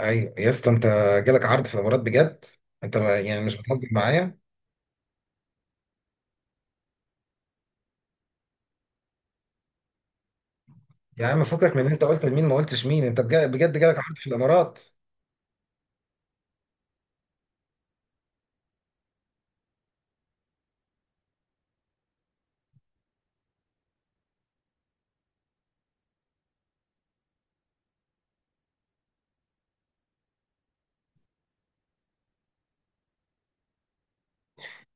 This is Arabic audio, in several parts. ايوه يا اسطى. انت جالك عرض في الامارات بجد؟ انت ما يعني مش بتهزر معايا. يا عم فكك من إن انت قلت لمين ما قلتش مين. انت بجد, بجد جالك عرض في الامارات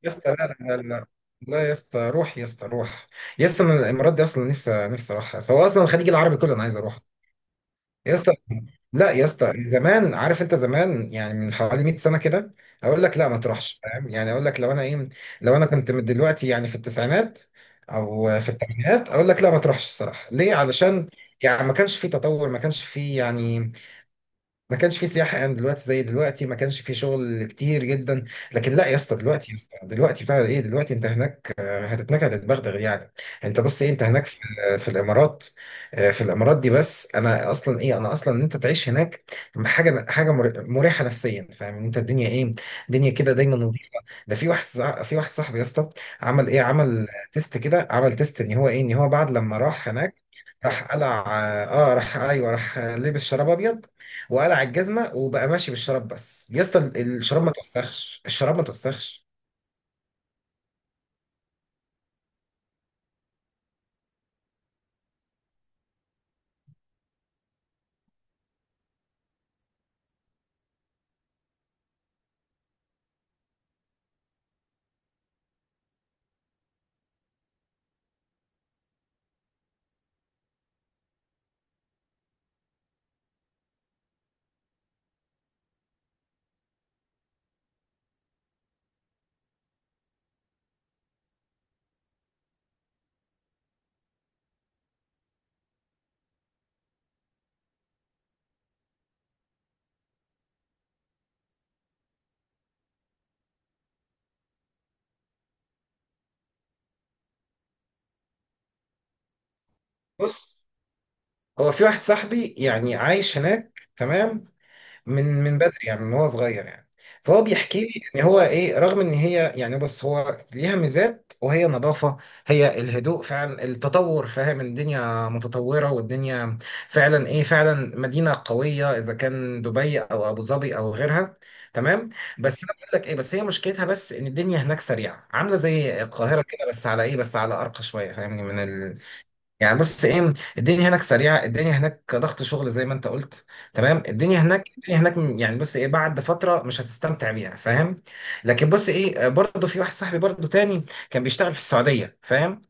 يا اسطى؟ لا لا لا لا. لا يا اسطى روح. يا اسطى روح. يا اسطى انا الامارات دي اصلا نفسي نفسي اروحها، سواء اصلا الخليج العربي كله انا عايز اروح. يا اسطى لا يا اسطى. زمان عارف انت، زمان يعني من حوالي 100 سنه كده. اقول لك لا ما تروحش، فاهم؟ يعني اقول لك لو انا ايه، لو انا كنت من دلوقتي يعني في التسعينات او في الثمانينات اقول لك لا ما تروحش الصراحه، ليه؟ علشان يعني ما كانش في تطور، ما كانش في يعني ما كانش في سياحة يعني دلوقتي زي دلوقتي، ما كانش في شغل كتير جدا. لكن لا يا اسطى دلوقتي، يا اسطى دلوقتي بتاع ايه، دلوقتي انت هناك هتتنكد هتتبغدغ يعني. انت بص ايه، انت هناك في في الامارات، في الامارات دي. بس انا اصلا ايه، انا اصلا ان انت تعيش هناك حاجة مريحة نفسيا، فاهم؟ إن انت الدنيا ايه، الدنيا كده دايما نظيفة. ده في واحد في واحد صاحبي يا اسطى عمل ايه، عمل تيست كده، عمل تيست ان هو ايه، ان هو بعد لما راح هناك راح قلع راح ايوه راح لبس شراب ابيض وقلع الجزمه وبقى ماشي بالشراب، بس يا اسطى الشراب ما توسخش، الشراب ما توسخش. بص هو في واحد صاحبي يعني عايش هناك تمام، من بدري يعني من هو صغير يعني. فهو بيحكي لي ان هو ايه، رغم ان هي يعني بص هو ليها ميزات، وهي نظافة، هي الهدوء، فعلا التطور فاهم، الدنيا متطورة والدنيا فعلا ايه، فعلا مدينة قوية اذا كان دبي او ابو ظبي او غيرها تمام. بس انا بقول لك ايه، بس هي مشكلتها بس ان الدنيا هناك سريعة عاملة زي القاهرة كده، بس على ايه، بس على ارقى شوية، فاهمني؟ يعني بص ايه، الدنيا هناك سريعه، الدنيا هناك ضغط شغل زي ما انت قلت تمام. الدنيا هناك الدنيا هناك يعني بص ايه، بعد فتره مش هتستمتع بيها، فاهم؟ لكن بص ايه، برضه في واحد صاحبي برضه تاني كان بيشتغل في السعوديه فاهم.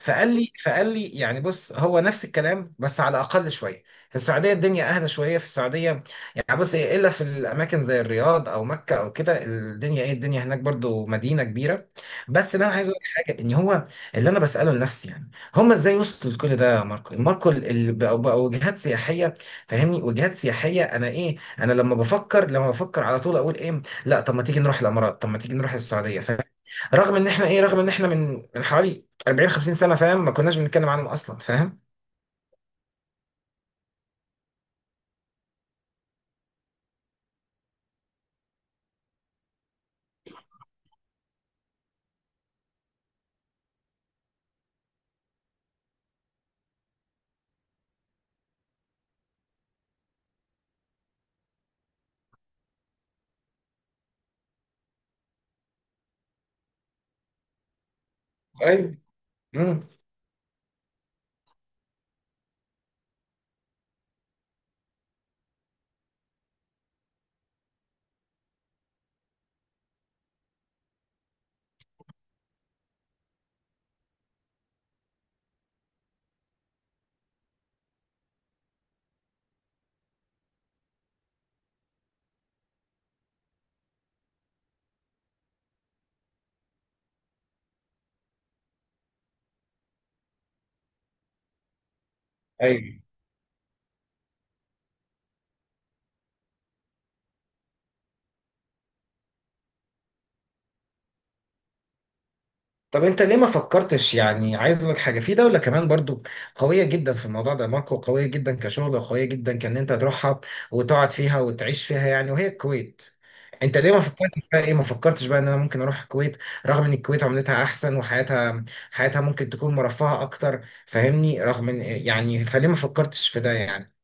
فقال لي يعني بص هو نفس الكلام بس على اقل شويه. في السعوديه الدنيا اهدى شويه، في السعوديه يعني بص ايه، الا في الاماكن زي الرياض او مكه او كده الدنيا ايه، الدنيا هناك برضه مدينه كبيره. بس اللي انا عايز اقول لك حاجه ان هو اللي انا بساله لنفسي يعني هما ازاي وصلوا لكل ده يا ماركو. ماركو بقوا وجهات سياحيه، فاهمني؟ وجهات سياحيه. انا ايه، انا لما بفكر، لما بفكر على طول اقول ايه لا طب ما تيجي نروح الامارات، طب ما تيجي نروح السعوديه، فاهم؟ رغم ان احنا ايه، رغم ان احنا من حوالي 40 50 سنه فاهم، ما كناش بنتكلم عنهم اصلا، فاهم؟ ايوه. امم. ايوه. طب انت ليه ما فكرتش، يعني عايز اقول لك حاجه في دوله كمان برضو قويه جدا في الموضوع ده ماركو، قويه جدا كشغل وقويه جدا كان انت تروحها وتقعد فيها وتعيش فيها يعني، وهي الكويت. انت ليه ما فكرتش بقى ايه، ما فكرتش بقى ان انا ممكن اروح الكويت، رغم ان الكويت عملتها احسن وحياتها، حياتها ممكن تكون مرفهه اكتر، فاهمني؟ رغم ان يعني فليه ما فكرتش في ده يعني؟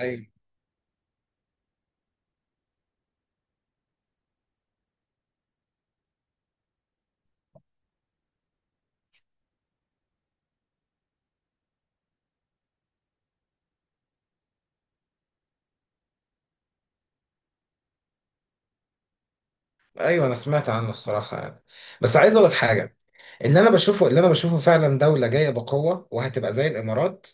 ايوه. ايوه انا سمعت عنه الصراحه يعني، بس عايز اقول لك حاجه، اللي انا بشوفه، اللي انا بشوفه فعلا دوله جايه بقوه وهتبقى زي الامارات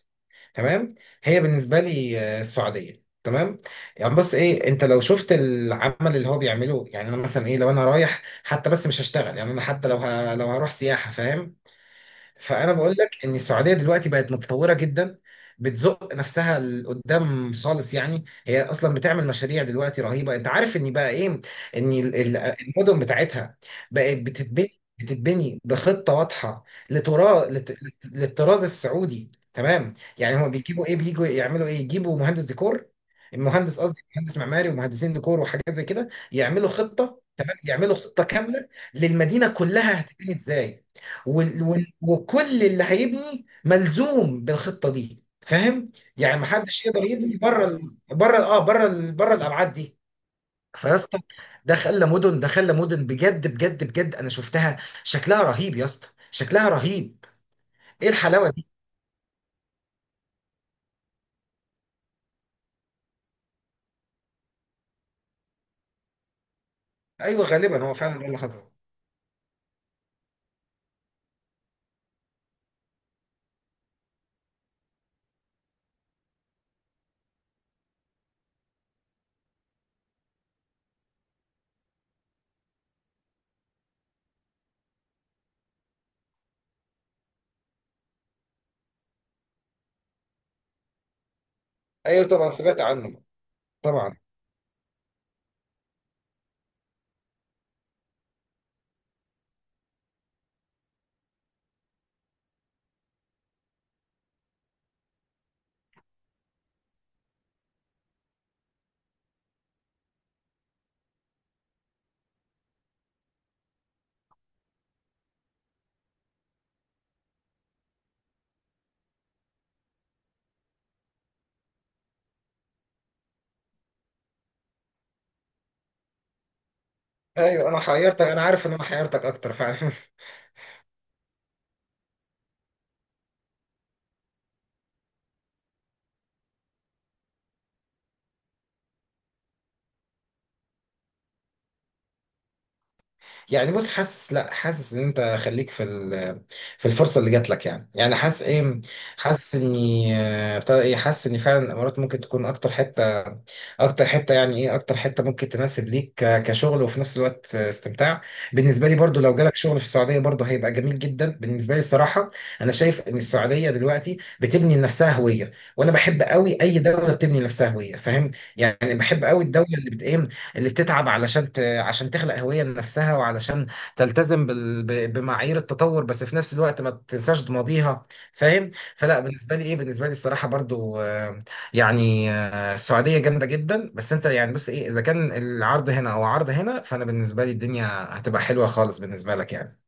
تمام. هي بالنسبه لي السعوديه تمام. يعني بص ايه، انت لو شفت العمل اللي هو بيعمله، يعني انا مثلا ايه لو انا رايح حتى بس مش هشتغل يعني انا حتى لو لو هروح سياحه، فاهم؟ فانا بقول لك ان السعوديه دلوقتي بقت متطوره جدا، بتزق نفسها لقدام خالص يعني، هي اصلا بتعمل مشاريع دلوقتي رهيبه. انت عارف ان بقى ايه، ان المدن بتاعتها بقت بتتبني بخطه واضحه، لتراث للطراز السعودي تمام. يعني هو بيجيبوا ايه، بيجوا يعملوا ايه، يجيبوا مهندس ديكور، المهندس قصدي مهندس معماري ومهندسين ديكور وحاجات زي كده، يعملوا خطه تمام، يعملوا خطه كامله للمدينه كلها هتبني ازاي. وال وال وكل اللي هيبني ملزوم بالخطه دي، فاهم؟ يعني محدش يقدر يبني بره ال- بره اه بره ال- بره الابعاد دي. فيا اسطى ده خلى مدن، ده خلى مدن بجد بجد بجد، انا شفتها شكلها رهيب يا اسطى، شكلها رهيب، ايه الحلاوه دي! ايوه غالبا هو فعلا ده اللي حصل. ايوه طبعا سمعت عنه. طبعا. ايوه انا حيرتك، انا عارف ان انا حيرتك اكتر فعلا. يعني بص حاسس، لا حاسس ان انت خليك في في الفرصه اللي جات لك يعني، يعني حاسس ايه، حاسس اني بتاع ايه، حاسس ان فعلا الامارات ممكن تكون اكتر حته، اكتر حته يعني ايه، اكتر حته ممكن تناسب ليك كشغل وفي نفس الوقت استمتاع. بالنسبه لي برضو لو جالك شغل في السعوديه برضو هيبقى جميل جدا بالنسبه لي الصراحه. انا شايف ان السعوديه دلوقتي بتبني لنفسها هويه، وانا بحب قوي اي دوله بتبني لنفسها هويه، فاهم؟ يعني بحب قوي الدوله اللي بت ايه، اللي بتتعب علشان، عشان تخلق هوية لنفسها وعلشان تلتزم بمعايير التطور، بس في نفس الوقت ما تنساش ماضيها، فاهم؟ فلا بالنسبة لي ايه، بالنسبة لي الصراحة برضو، يعني السعودية جامدة جدا. بس انت يعني بص ايه، اذا كان العرض هنا او عرض هنا فانا بالنسبة لي الدنيا هتبقى حلوة خالص بالنسبة لك يعني.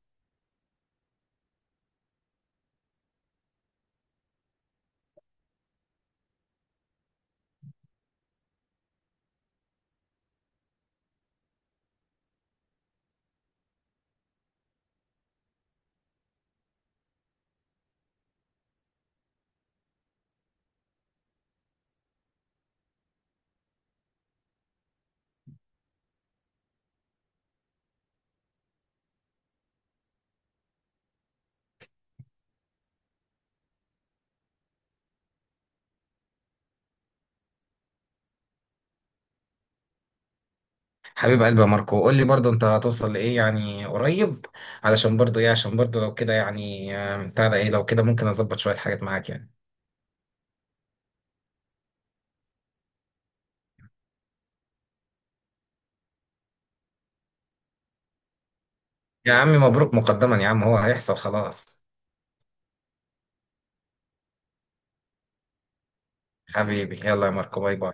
حبيب قلبي يا ماركو، قول لي برضو انت هتوصل لايه يعني قريب، علشان برضو ايه، عشان برضو لو كده يعني بتاع ده ايه، لو كده ممكن اظبط شوية حاجات معاك يعني. يا عمي مبروك مقدما يا عم، هو هيحصل خلاص. حبيبي يلا يا ماركو باي باي.